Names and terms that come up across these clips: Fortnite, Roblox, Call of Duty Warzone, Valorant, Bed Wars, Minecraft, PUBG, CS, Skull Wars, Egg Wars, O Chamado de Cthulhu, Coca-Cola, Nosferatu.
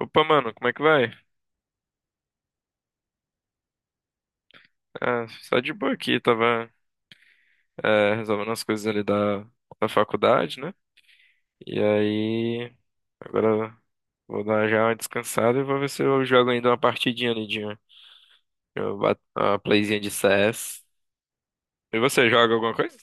Opa, mano, como é que vai? Ah, só de boa aqui, tava resolvendo as coisas ali da faculdade, né? E aí, agora vou dar já uma descansada e vou ver se eu jogo ainda uma partidinha ali de uma playzinha de CS. E você joga alguma coisa?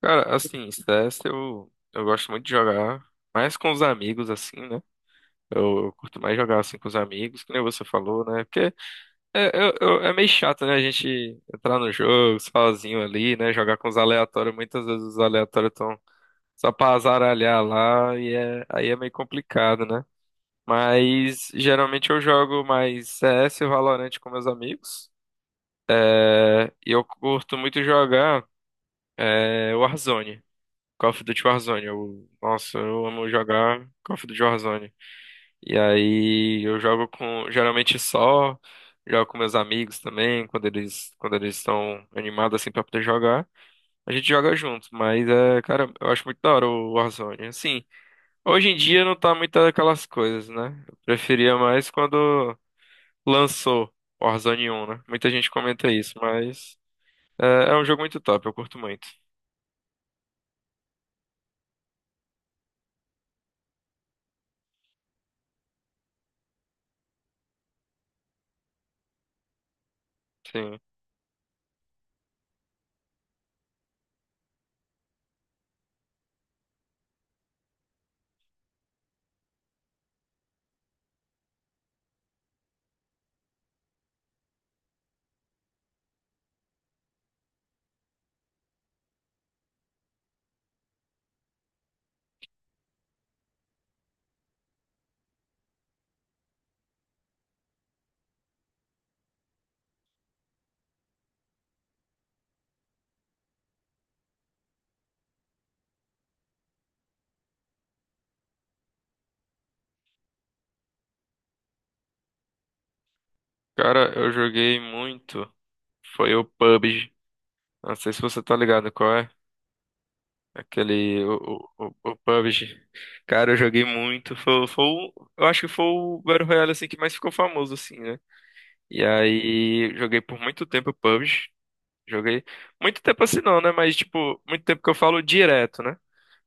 Cara, assim, CS eu gosto muito de jogar, mais com os amigos, assim, né? Eu curto mais jogar assim com os amigos, que nem você falou, né? Porque é meio chato, né? A gente entrar no jogo sozinho ali, né? Jogar com os aleatórios. Muitas vezes os aleatórios estão só pra azaralhar lá e aí é meio complicado, né? Mas geralmente eu jogo mais CS e Valorant com meus amigos. É, e eu curto muito jogar Warzone. Call of Duty Warzone. Nossa, eu amo jogar Call of Duty Warzone. E aí eu jogo com, geralmente só, jogo com meus amigos também, quando eles estão animados assim pra poder jogar. A gente joga junto, mas é, cara, eu acho muito da hora o Warzone. Assim, hoje em dia não tá muito aquelas coisas, né? Eu preferia mais quando lançou o Warzone 1, né? Muita gente comenta isso, mas é um jogo muito top, eu curto muito. Sim. Cara, eu joguei muito, foi o PUBG. Não sei se você tá ligado qual é. Aquele, o PUBG. Cara, eu joguei muito. Eu acho que foi o Battle Royale, assim, que mais ficou famoso, assim, né? E aí, joguei por muito tempo PUBG. Joguei, muito tempo assim não, né? Mas, tipo, muito tempo que eu falo direto, né?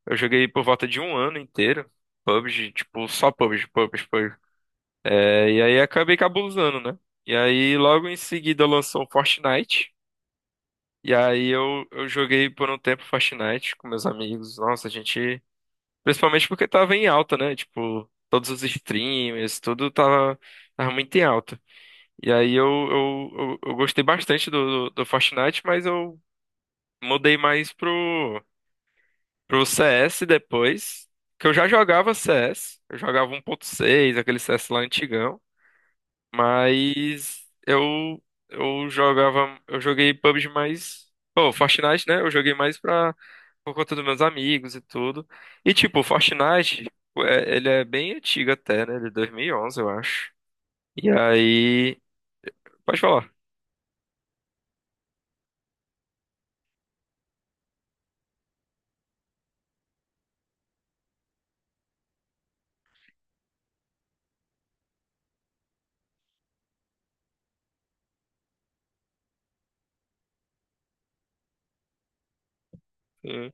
Eu joguei por volta de um ano inteiro. PUBG, tipo, só PUBG, PUBG, PUBG. É, e aí, acabei cabulosando, né? E aí, logo em seguida, lançou o Fortnite. E aí, eu joguei por um tempo Fortnite com meus amigos. Nossa, a gente. Principalmente porque tava em alta, né? Tipo, todos os streamers, tudo tava muito em alta. E aí eu gostei bastante do Fortnite, mas eu mudei mais pro CS depois. Que eu já jogava CS, eu jogava um 1.6, aquele CS lá antigão. Mas eu joguei PUBG mais. Pô, Fortnite, né? Eu joguei mais pra por conta dos meus amigos e tudo. E tipo, o Fortnite, ele é bem antigo até, né? Ele é 2011 eu acho. E aí, pode falar. Sim.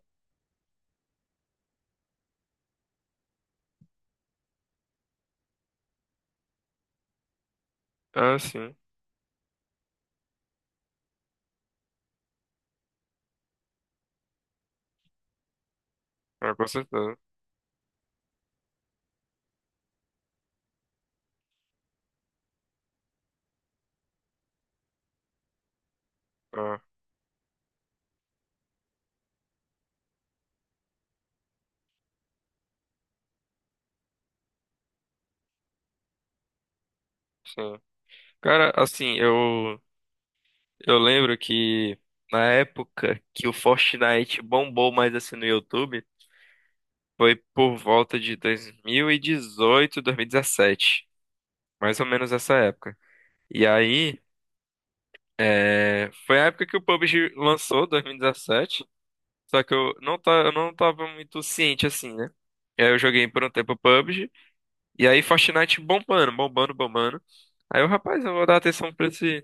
Ah, sim. Ah, com certeza. Ah, sim. Cara, assim, eu lembro que na época que o Fortnite bombou mais assim no YouTube, foi por volta de 2017, mais ou menos essa época. E aí, foi a época que o PUBG lançou, 2017. Só que eu não tava muito ciente assim, né? E aí eu joguei por um tempo PUBG. E aí Fortnite bombando, bombando, bombando. Aí eu, rapaz, eu vou dar atenção pra esse,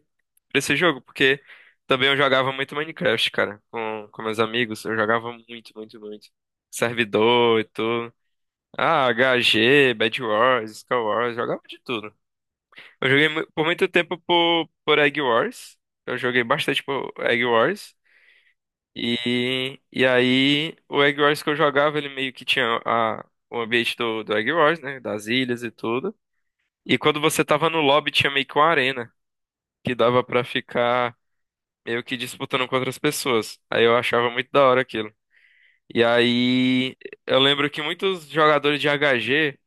pra esse jogo, porque também eu jogava muito Minecraft, cara, com meus amigos. Eu jogava muito, muito, muito. Servidor e tudo. Ah, HG, Bed Wars, Skull Wars, jogava de tudo. Eu joguei por muito tempo por Egg Wars. Eu joguei bastante por Egg Wars. E aí, o Egg Wars que eu jogava, ele meio que tinha o ambiente do Egg Wars, né? Das ilhas e tudo. E quando você tava no lobby, tinha meio que uma arena, que dava pra ficar meio que disputando com outras pessoas. Aí eu achava muito da hora aquilo. E aí, eu lembro que muitos jogadores de H G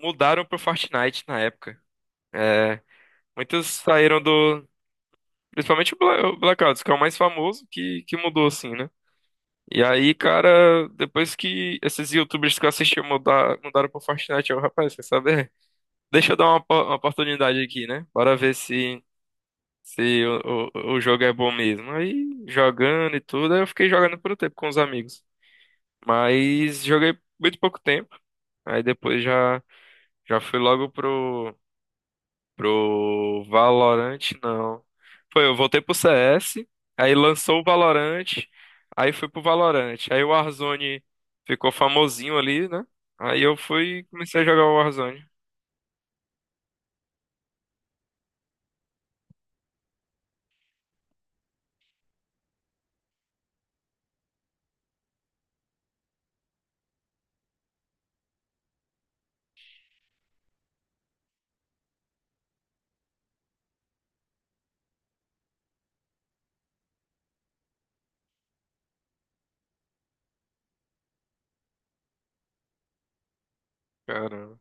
mudaram pro Fortnite na época. É, muitos saíram do. Principalmente o o Blackouts, que é o mais famoso, que mudou assim, né? E aí, cara, depois que esses YouTubers que eu assisti mudaram pro Fortnite, eu, rapaz, quer saber? Deixa eu dar uma oportunidade aqui, né? Bora ver se o jogo é bom mesmo. Aí, jogando e tudo, aí eu fiquei jogando por um tempo com os amigos. Mas joguei muito pouco tempo. Aí depois já fui logo Pro Valorant, não. Eu voltei pro CS, aí lançou o Valorant, aí fui pro Valorant. Aí o Warzone ficou famosinho ali, né? Aí eu fui e comecei a jogar o Warzone. Caramba.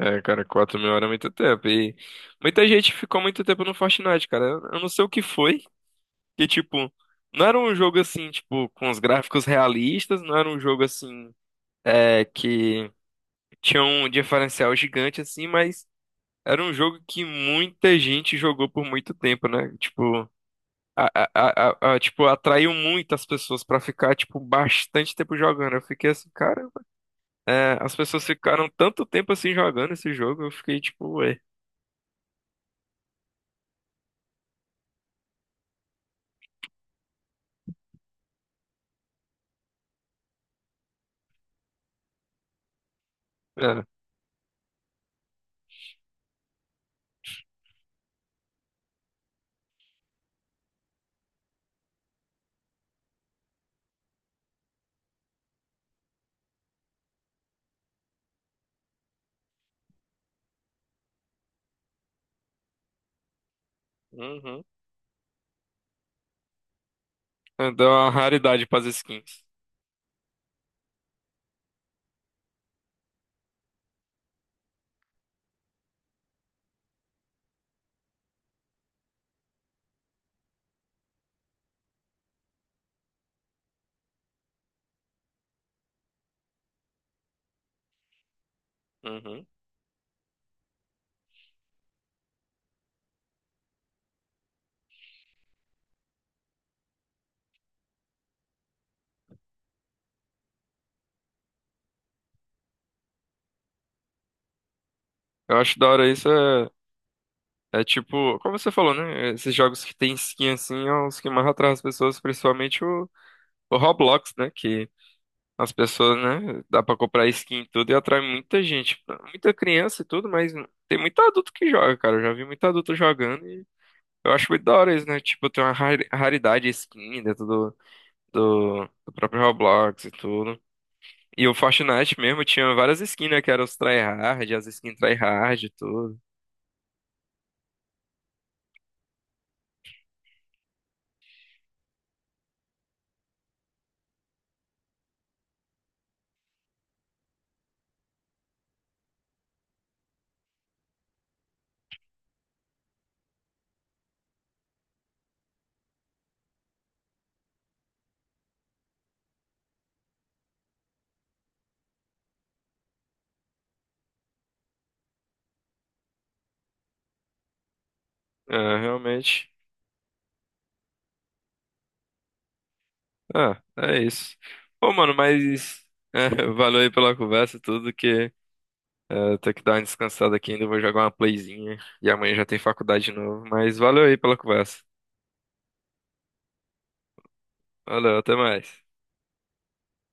É, cara, 4.000 horas é muito tempo. E muita gente ficou muito tempo no Fortnite, cara. Eu não sei o que foi. Que, tipo, não era um jogo assim, tipo, com os gráficos realistas, não era um jogo assim, que tinha um diferencial gigante, assim, mas. Era um jogo que muita gente jogou por muito tempo, né? Tipo, tipo atraiu muitas pessoas pra ficar, tipo, bastante tempo jogando. Eu fiquei assim, cara, as pessoas ficaram tanto tempo assim jogando esse jogo, eu fiquei tipo, ué. É. Uhum. Dá uma raridade pras skins. Uhum. Eu acho da hora isso, é tipo, como você falou, né? Esses jogos que tem skin assim, é os que mais atraem as pessoas, principalmente o Roblox, né? Que as pessoas, né? Dá pra comprar skin e tudo e atrai muita gente, muita criança e tudo, mas tem muito adulto que joga, cara. Eu já vi muito adulto jogando e eu acho muito da hora isso, né? Tipo, tem uma raridade skin dentro do próprio Roblox e tudo. E o Fortnite mesmo tinha várias skins, né? Que eram os tryhard, as skins tryhard e tudo. É, realmente. Ah, é isso. Pô, mano, mas. Valeu aí pela conversa e tudo, que. É, ter que dar uma descansada aqui ainda, vou jogar uma playzinha. E amanhã já tem faculdade de novo. Mas valeu aí pela conversa. Valeu, até mais.